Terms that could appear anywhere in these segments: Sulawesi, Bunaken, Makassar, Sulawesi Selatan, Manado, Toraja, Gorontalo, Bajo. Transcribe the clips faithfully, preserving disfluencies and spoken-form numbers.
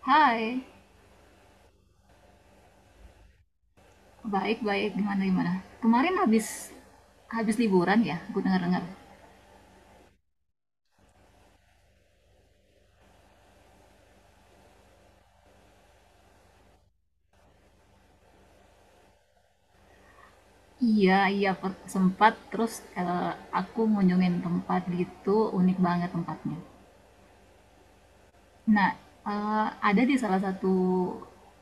Hai, baik-baik. Gimana gimana? Kemarin habis habis liburan ya? Gue dengar-dengar. Iya, iya, per- sempat terus, eh, aku ngunjungin tempat gitu, unik banget tempatnya. Nah, eh, ada di salah satu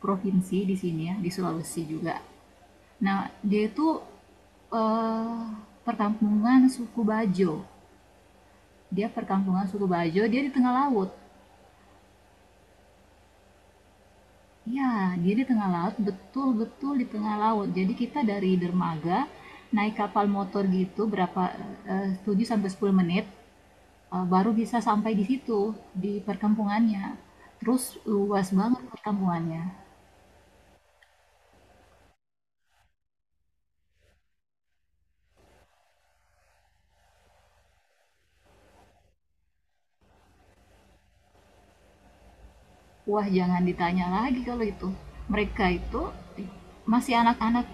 provinsi di sini ya, di Sulawesi juga. Nah, dia itu eh, perkampungan suku Bajo. Dia perkampungan suku Bajo, dia di tengah laut. Ya, dia di tengah laut, betul-betul di tengah laut. Jadi kita dari dermaga naik kapal motor gitu berapa, eh, tujuh sampai sepuluh menit, eh, baru bisa sampai di situ di perkampungannya. Terus luas banget perkampungannya. Wah, jangan ditanya lagi kalau itu. Mereka itu masih anak-anak.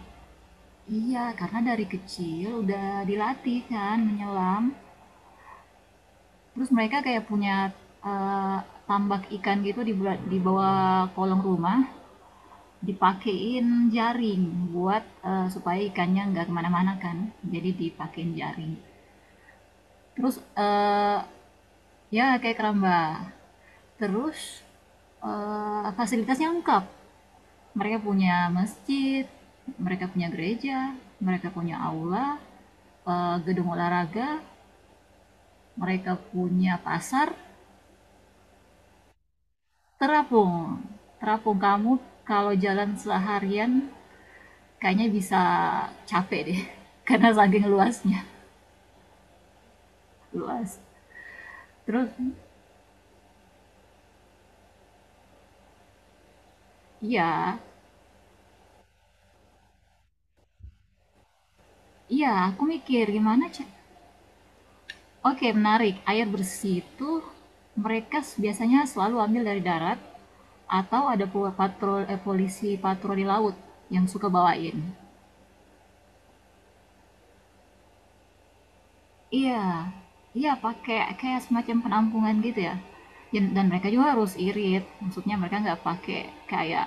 Iya, karena dari kecil udah dilatih kan menyelam. Terus mereka kayak punya eh, tambak ikan gitu di di bawah kolong rumah, dipakein jaring buat, eh, supaya ikannya nggak kemana-mana kan. Jadi dipakein jaring. Terus eh, ya kayak keramba. Terus eh, fasilitasnya lengkap. Mereka punya masjid, mereka punya gereja, mereka punya aula, eh, gedung olahraga, mereka punya pasar, terapung. Terapung, kamu kalau jalan seharian kayaknya bisa capek deh karena saking luasnya, luas terus. Iya, iya, aku mikir gimana. Cek, oke, menarik. Air bersih itu mereka biasanya selalu ambil dari darat, atau ada po- eh, polisi patroli laut yang suka bawain. Iya. Iya, pakai kayak semacam penampungan gitu ya. Dan dan mereka juga harus irit, maksudnya mereka nggak pakai kayak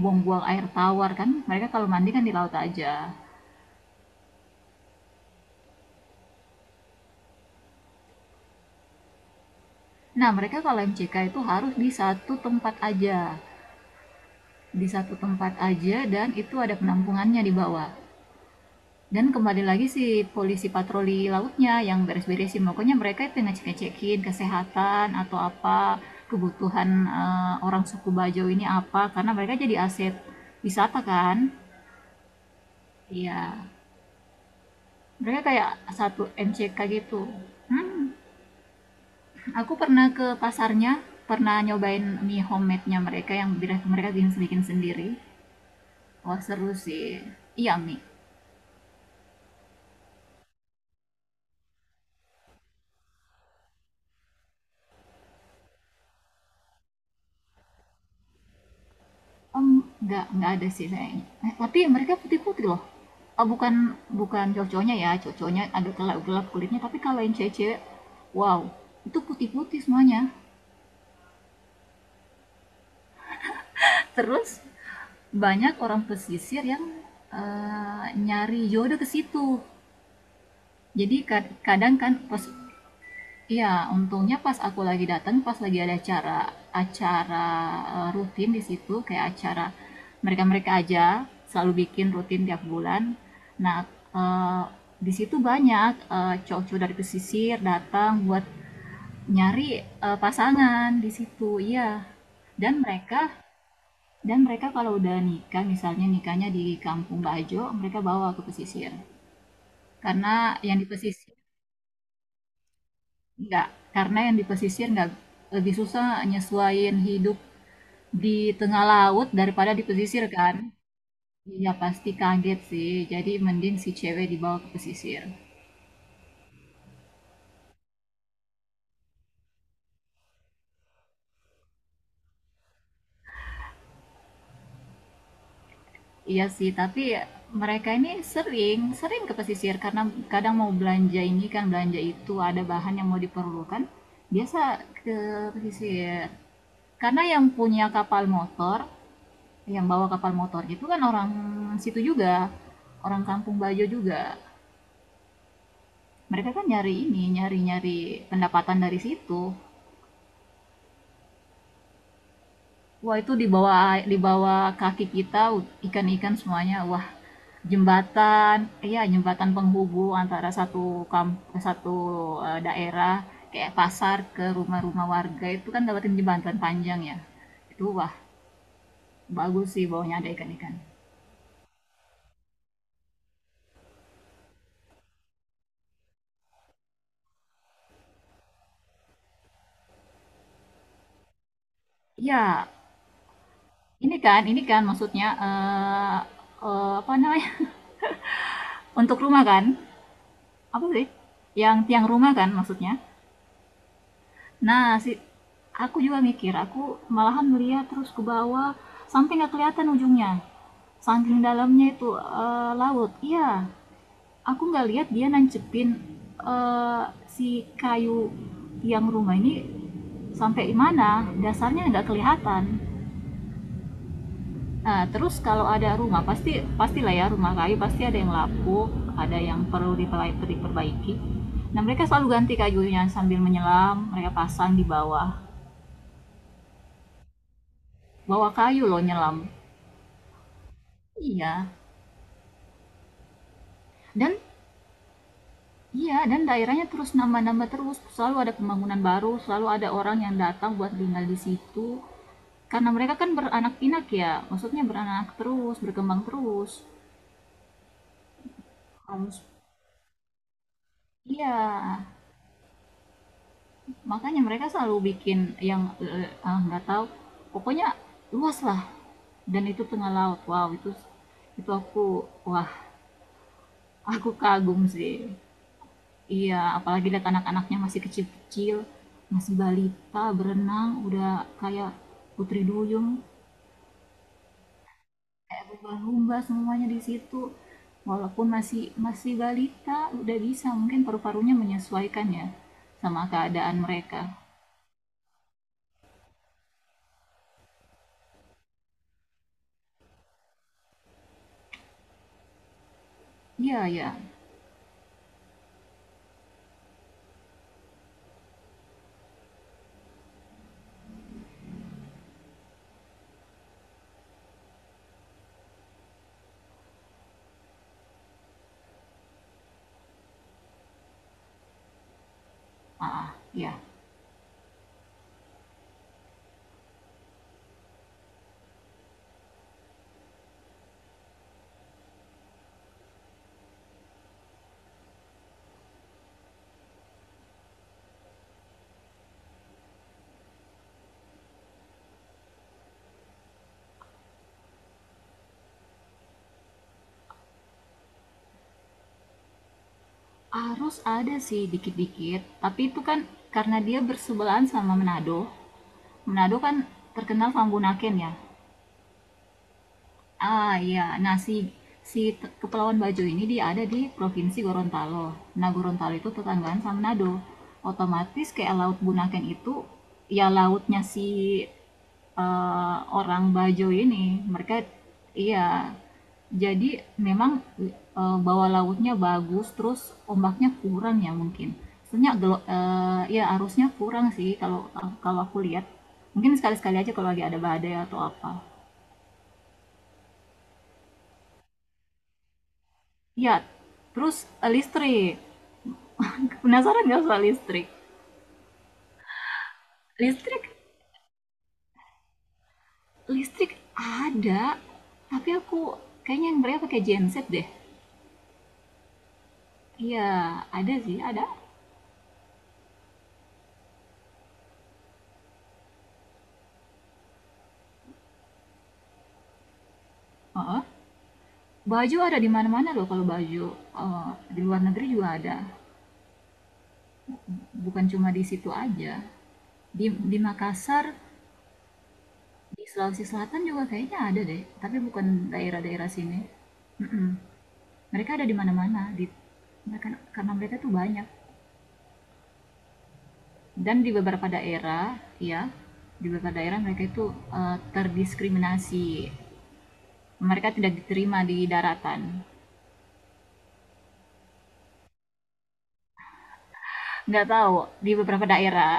buang-buang air tawar kan. Mereka kalau mandi kan di laut aja. Nah, mereka kalau M C K itu harus di satu tempat aja. Di satu tempat aja dan itu ada penampungannya di bawah. Dan kembali lagi si polisi patroli lautnya yang beres-beresin. Pokoknya mereka itu ngecek-ngecekin kesehatan atau apa, kebutuhan, eh, orang suku Bajo ini apa, karena mereka jadi aset wisata kan. Iya. Mereka kayak satu M C K gitu. Hmm. Aku pernah ke pasarnya, pernah nyobain mie homemade-nya mereka yang mereka bikin bikin sendiri. Wah, seru sih. Iya, mie. Mmm, nggak nggak ada sih kayaknya. Eh, tapi mereka putih-putih loh. Oh, bukan, bukan cowok-cowoknya ya, cowok-cowoknya agak gelap-gelap kulitnya, tapi kalau yang cewek-cewek, wow, itu putih-putih semuanya. Terus banyak orang pesisir yang, eee, nyari jodoh ke situ. Jadi kadang kan. pes Iya, untungnya pas aku lagi datang, pas lagi ada acara, acara, eee, rutin di situ, kayak acara mereka-mereka aja, selalu bikin rutin tiap bulan. Nah, eee, di situ banyak, eee, cowok-cowok dari pesisir datang buat nyari, eee, pasangan di situ, iya. Dan mereka dan mereka kalau udah nikah, misalnya nikahnya di Kampung Bajo, mereka bawa ke pesisir. Karena yang di pesisir. Enggak, karena yang di pesisir nggak, lebih susah nyesuaiin hidup di tengah laut daripada di pesisir kan. Iya pasti kaget sih, jadi mending si cewek dibawa ke pesisir. Iya sih, tapi mereka ini sering, sering ke pesisir karena kadang mau belanja ini kan, belanja itu, ada bahan yang mau diperlukan, biasa ke pesisir. Karena yang punya kapal motor, yang bawa kapal motor itu kan orang situ juga, orang Kampung Bajo juga. Mereka kan nyari ini nyari nyari pendapatan dari situ. Wah, itu di bawah di bawah kaki kita ikan-ikan semuanya. Wah, jembatan, iya jembatan penghubung antara satu, kamp satu eh, daerah, kayak pasar ke rumah-rumah warga itu kan dapatin jembatan panjang ya. Itu wah, bagus sih, bawahnya ada ikan-ikan. Ya, ini kan ini kan maksudnya, eh eh, apa namanya. Untuk rumah kan, apa sih, yang tiang rumah kan maksudnya. Nah, si aku juga mikir, aku malahan melihat terus ke bawah sampai nggak kelihatan ujungnya. Saking dalamnya itu, eh, laut. Iya, aku nggak lihat dia nancepin, eh, si kayu tiang rumah ini sampai mana, dasarnya nggak kelihatan. Nah, terus kalau ada rumah pasti pastilah ya rumah kayu pasti ada yang lapuk, ada yang perlu diperbaiki. Nah, mereka selalu ganti kayunya sambil menyelam, mereka pasang di bawah, bawa kayu loh nyelam. Iya. Dan, iya, dan daerahnya terus nambah-nambah terus. Selalu ada pembangunan baru, selalu ada orang yang datang buat tinggal di situ. Karena mereka kan beranak pinak ya, maksudnya beranak terus, berkembang terus. Harus, iya. Makanya mereka selalu bikin yang, eh, ah, nggak tahu. Pokoknya luas lah. Dan itu tengah laut. Wow, itu itu aku wah, aku kagum sih. Iya, apalagi lihat anak-anaknya masih kecil-kecil, masih balita, berenang, udah kayak putri duyung, kayak lumba-lumba semuanya di situ. Walaupun masih masih balita, udah bisa mungkin paru-parunya menyesuaikan ya sama keadaan mereka. Iya, ya. Ah, ya. Harus ada sih dikit-dikit, tapi itu kan karena dia bersebelahan sama Manado. Manado kan terkenal sama Bunaken ya. Ah iya, nah, si, si te- Kepulauan Bajo ini dia ada di Provinsi Gorontalo. Nah, Gorontalo itu tetanggaan sama Manado. Otomatis kayak Laut Bunaken itu ya lautnya si, eh, orang Bajo ini. Mereka, iya. Jadi memang, eh, bawah lautnya bagus, terus ombaknya kurang ya mungkin. Sebenarnya gelo- eh, ya arusnya kurang sih, kalau kalau aku lihat. Mungkin sekali-sekali aja kalau lagi ada badai atau apa. Iya, terus, eh, listrik. Penasaran nggak soal listrik? Listrik, listrik ada, tapi aku kayaknya yang mereka pakai genset deh. Iya, ada sih, ada. Heeh. Baju ada di mana-mana loh kalau baju. Eh, di luar negeri juga ada. Bukan cuma di situ aja. Di, di Makassar, di Sulawesi Selatan juga kayaknya ada deh, tapi bukan daerah-daerah sini. Mm-mm. Mereka ada di mana-mana, di mereka, karena mereka tuh banyak. Dan di beberapa daerah, ya, di beberapa daerah mereka itu, eh, terdiskriminasi, mereka tidak diterima di daratan. Nggak tahu, di beberapa daerah,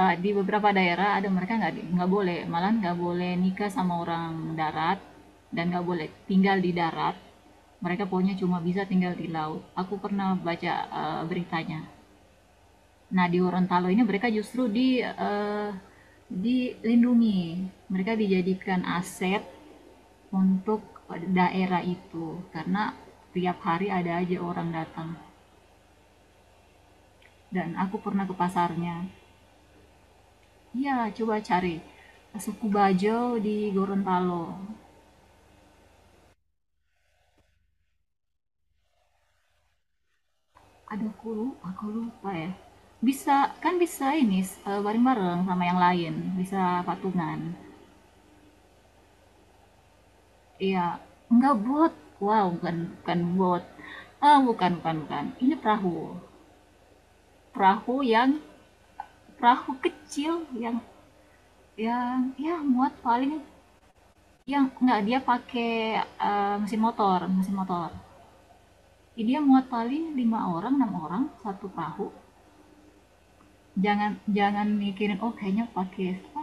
eh, di beberapa daerah ada, mereka nggak nggak boleh, malah nggak boleh nikah sama orang darat, dan nggak boleh tinggal di darat. Mereka pokoknya cuma bisa tinggal di laut. Aku pernah baca, eh, beritanya. Nah, di Gorontalo ini mereka justru di eh, dilindungi. Mereka dijadikan aset untuk daerah itu karena tiap hari ada aja orang datang. Dan aku pernah ke pasarnya. Iya, coba cari suku Bajo di Gorontalo. Aduh, aku lupa, aku lupa ya. Bisa, kan bisa ini, eh, bareng-bareng sama yang lain, bisa patungan. Iya. Enggak, bot. Wow, bukan, bukan bot. Ah, bukan, bukan, bukan. Ini perahu. Perahu yang perahu kecil, yang yang ya muat paling. Yang enggak dia pakai, eh, mesin motor, mesin motor. Jadi dia muat paling lima orang, enam orang satu perahu. Jangan, jangan mikirin, oh kayaknya pakai apa,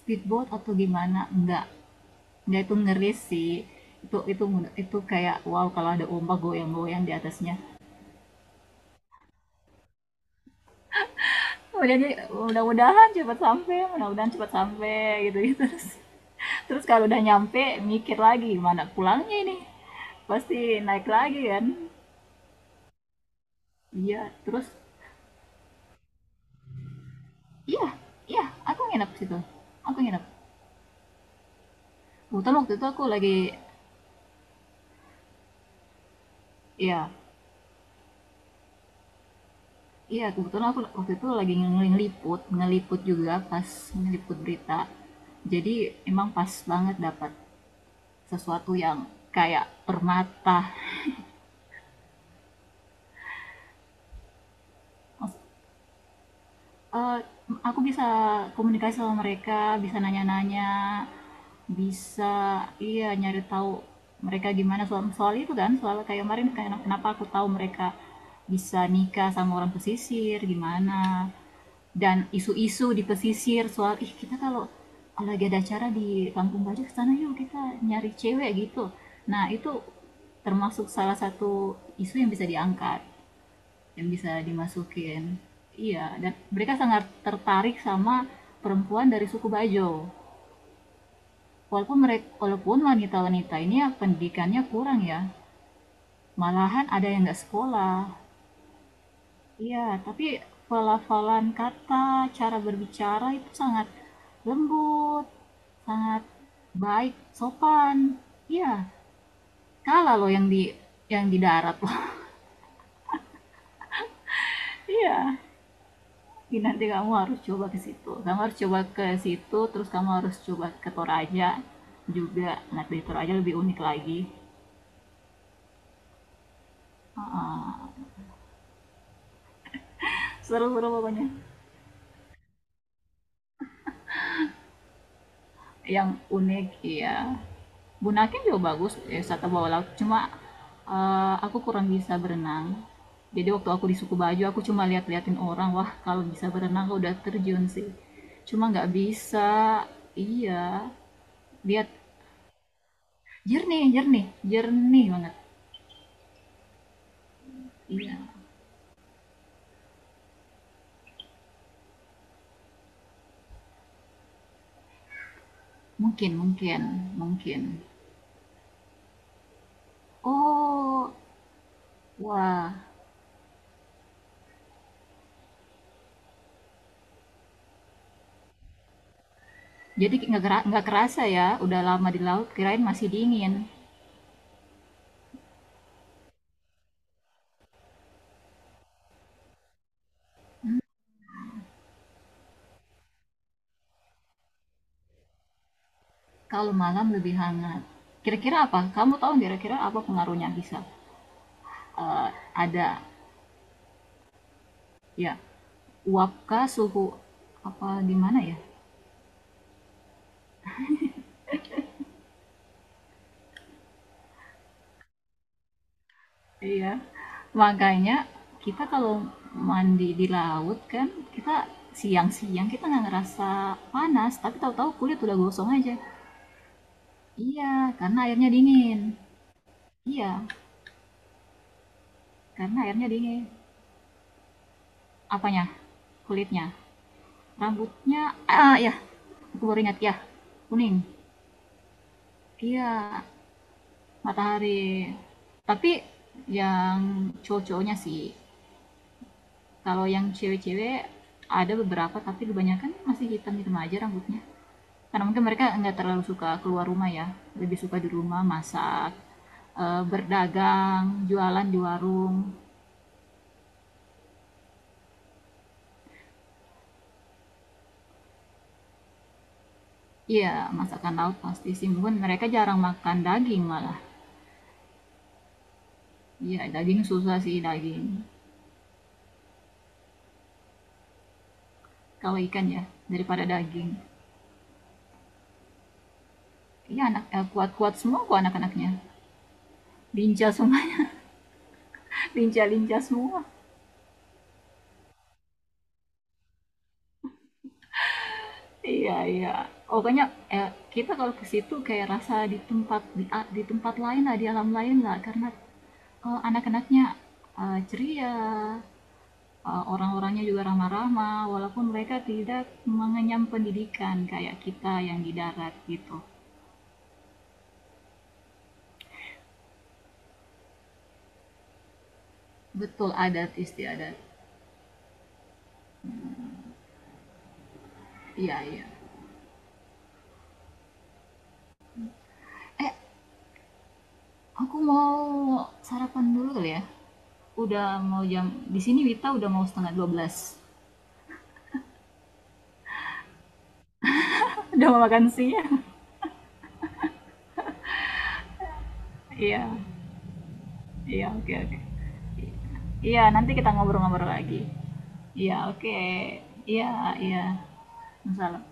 speedboat atau gimana. Enggak. Enggak, itu ngeri sih. Itu itu itu kayak wow, kalau ada ombak goyang-goyang di atasnya, udah mudah-mudahan cepat sampai mudah-mudahan cepat sampai, gitu gitu terus terus. Kalau udah nyampe mikir lagi mana pulangnya ini, pasti naik lagi kan, iya terus, iya, iya, aku nginep situ, aku nginep, kebetulan waktu itu aku lagi, iya, iya, kebetulan aku waktu itu lagi ngeliput, ngeliput juga, pas ngeliput berita. Jadi emang pas banget dapat sesuatu yang kayak permata. Eee, aku bisa komunikasi sama mereka, bisa nanya-nanya, bisa, iya, nyari tahu mereka gimana soal, soal itu kan, soal kayak kemarin, kayak kenapa aku tahu mereka bisa nikah sama orang pesisir, gimana, dan isu-isu di pesisir soal, "Ih, kita kalau lagi ada acara di Kampung Baja ke sana yuk, kita nyari cewek," gitu. Nah, itu termasuk salah satu isu yang bisa diangkat, yang bisa dimasukin. Iya, dan mereka sangat tertarik sama perempuan dari suku Bajo. Walaupun mereka, walaupun wanita-wanita ini ya pendidikannya kurang ya, malahan ada yang nggak sekolah. Iya, tapi pelafalan kata, cara berbicara itu sangat lembut, sangat baik, sopan. Iya, kalah loh yang di yang di darat loh. Iya. Jadi nanti kamu harus coba ke situ. Kamu harus coba ke situ, terus kamu harus coba ke Toraja juga. Nah, di Toraja lebih unik lagi. Ah, seru-seru, uh, pokoknya. Yang unik, ya. Bunaken juga bagus, ya, wisata bawah laut. Cuma, eh, aku kurang bisa berenang. Jadi waktu aku di suku baju, aku cuma lihat-liatin orang. Wah, kalau bisa berenang, aku udah terjun sih. Cuma nggak bisa. Iya. Lihat, jernih, jernih. Jernih banget. Iya. Mungkin, mungkin, mungkin. Oh, wah. Jadi nggak kera- nggak kerasa ya, udah lama di laut, kirain masih dingin. Kalau malam lebih hangat. Kira-kira apa? Kamu tahu kira-kira apa pengaruhnya bisa? Eh, ada ya, uapkah suhu apa gimana ya? Iya. Makanya kita kalau mandi di laut kan kita siang-siang kita nggak ngerasa panas, tapi tahu-tahu kulit udah gosong aja. Iya, karena airnya dingin. Iya, karena airnya di apanya? Kulitnya. Rambutnya, ah ya. Aku baru ingat ya. Kuning. Iya, matahari. Tapi yang cowok-cowoknya sih. Kalau yang cewek-cewek ada beberapa, tapi kebanyakan masih hitam-hitam aja rambutnya. Karena mungkin mereka nggak terlalu suka keluar rumah ya. Lebih suka di rumah masak, eh, berdagang, jualan di warung. Iya, masakan laut pasti sih. Mungkin mereka jarang makan daging malah. Iya, daging susah sih daging. Kalau ikan ya, daripada daging. Iya, anak, eh, kuat-kuat semua kok anak-anaknya. Lincah semuanya, lincah-lincah semua. Iya, iya. Pokoknya, eh, kita kalau ke situ kayak rasa di tempat di, a- di tempat lain lah, di alam lain lah. Karena, eh, anak-anaknya, eh, ceria, eh, orang-orangnya juga ramah-ramah. Walaupun mereka tidak mengenyam pendidikan kayak kita yang di darat gitu. Betul, adat istiadat. Iya, iya. Eh, Aku mau sarapan dulu kali ya. Udah mau jam di sini W I T A, udah mau setengah dua belas. Udah mau makan siang. Iya. Iya, oke, oke. Iya, nanti kita ngobrol-ngobrol lagi. Iya, oke. Iya, iya. Masalah.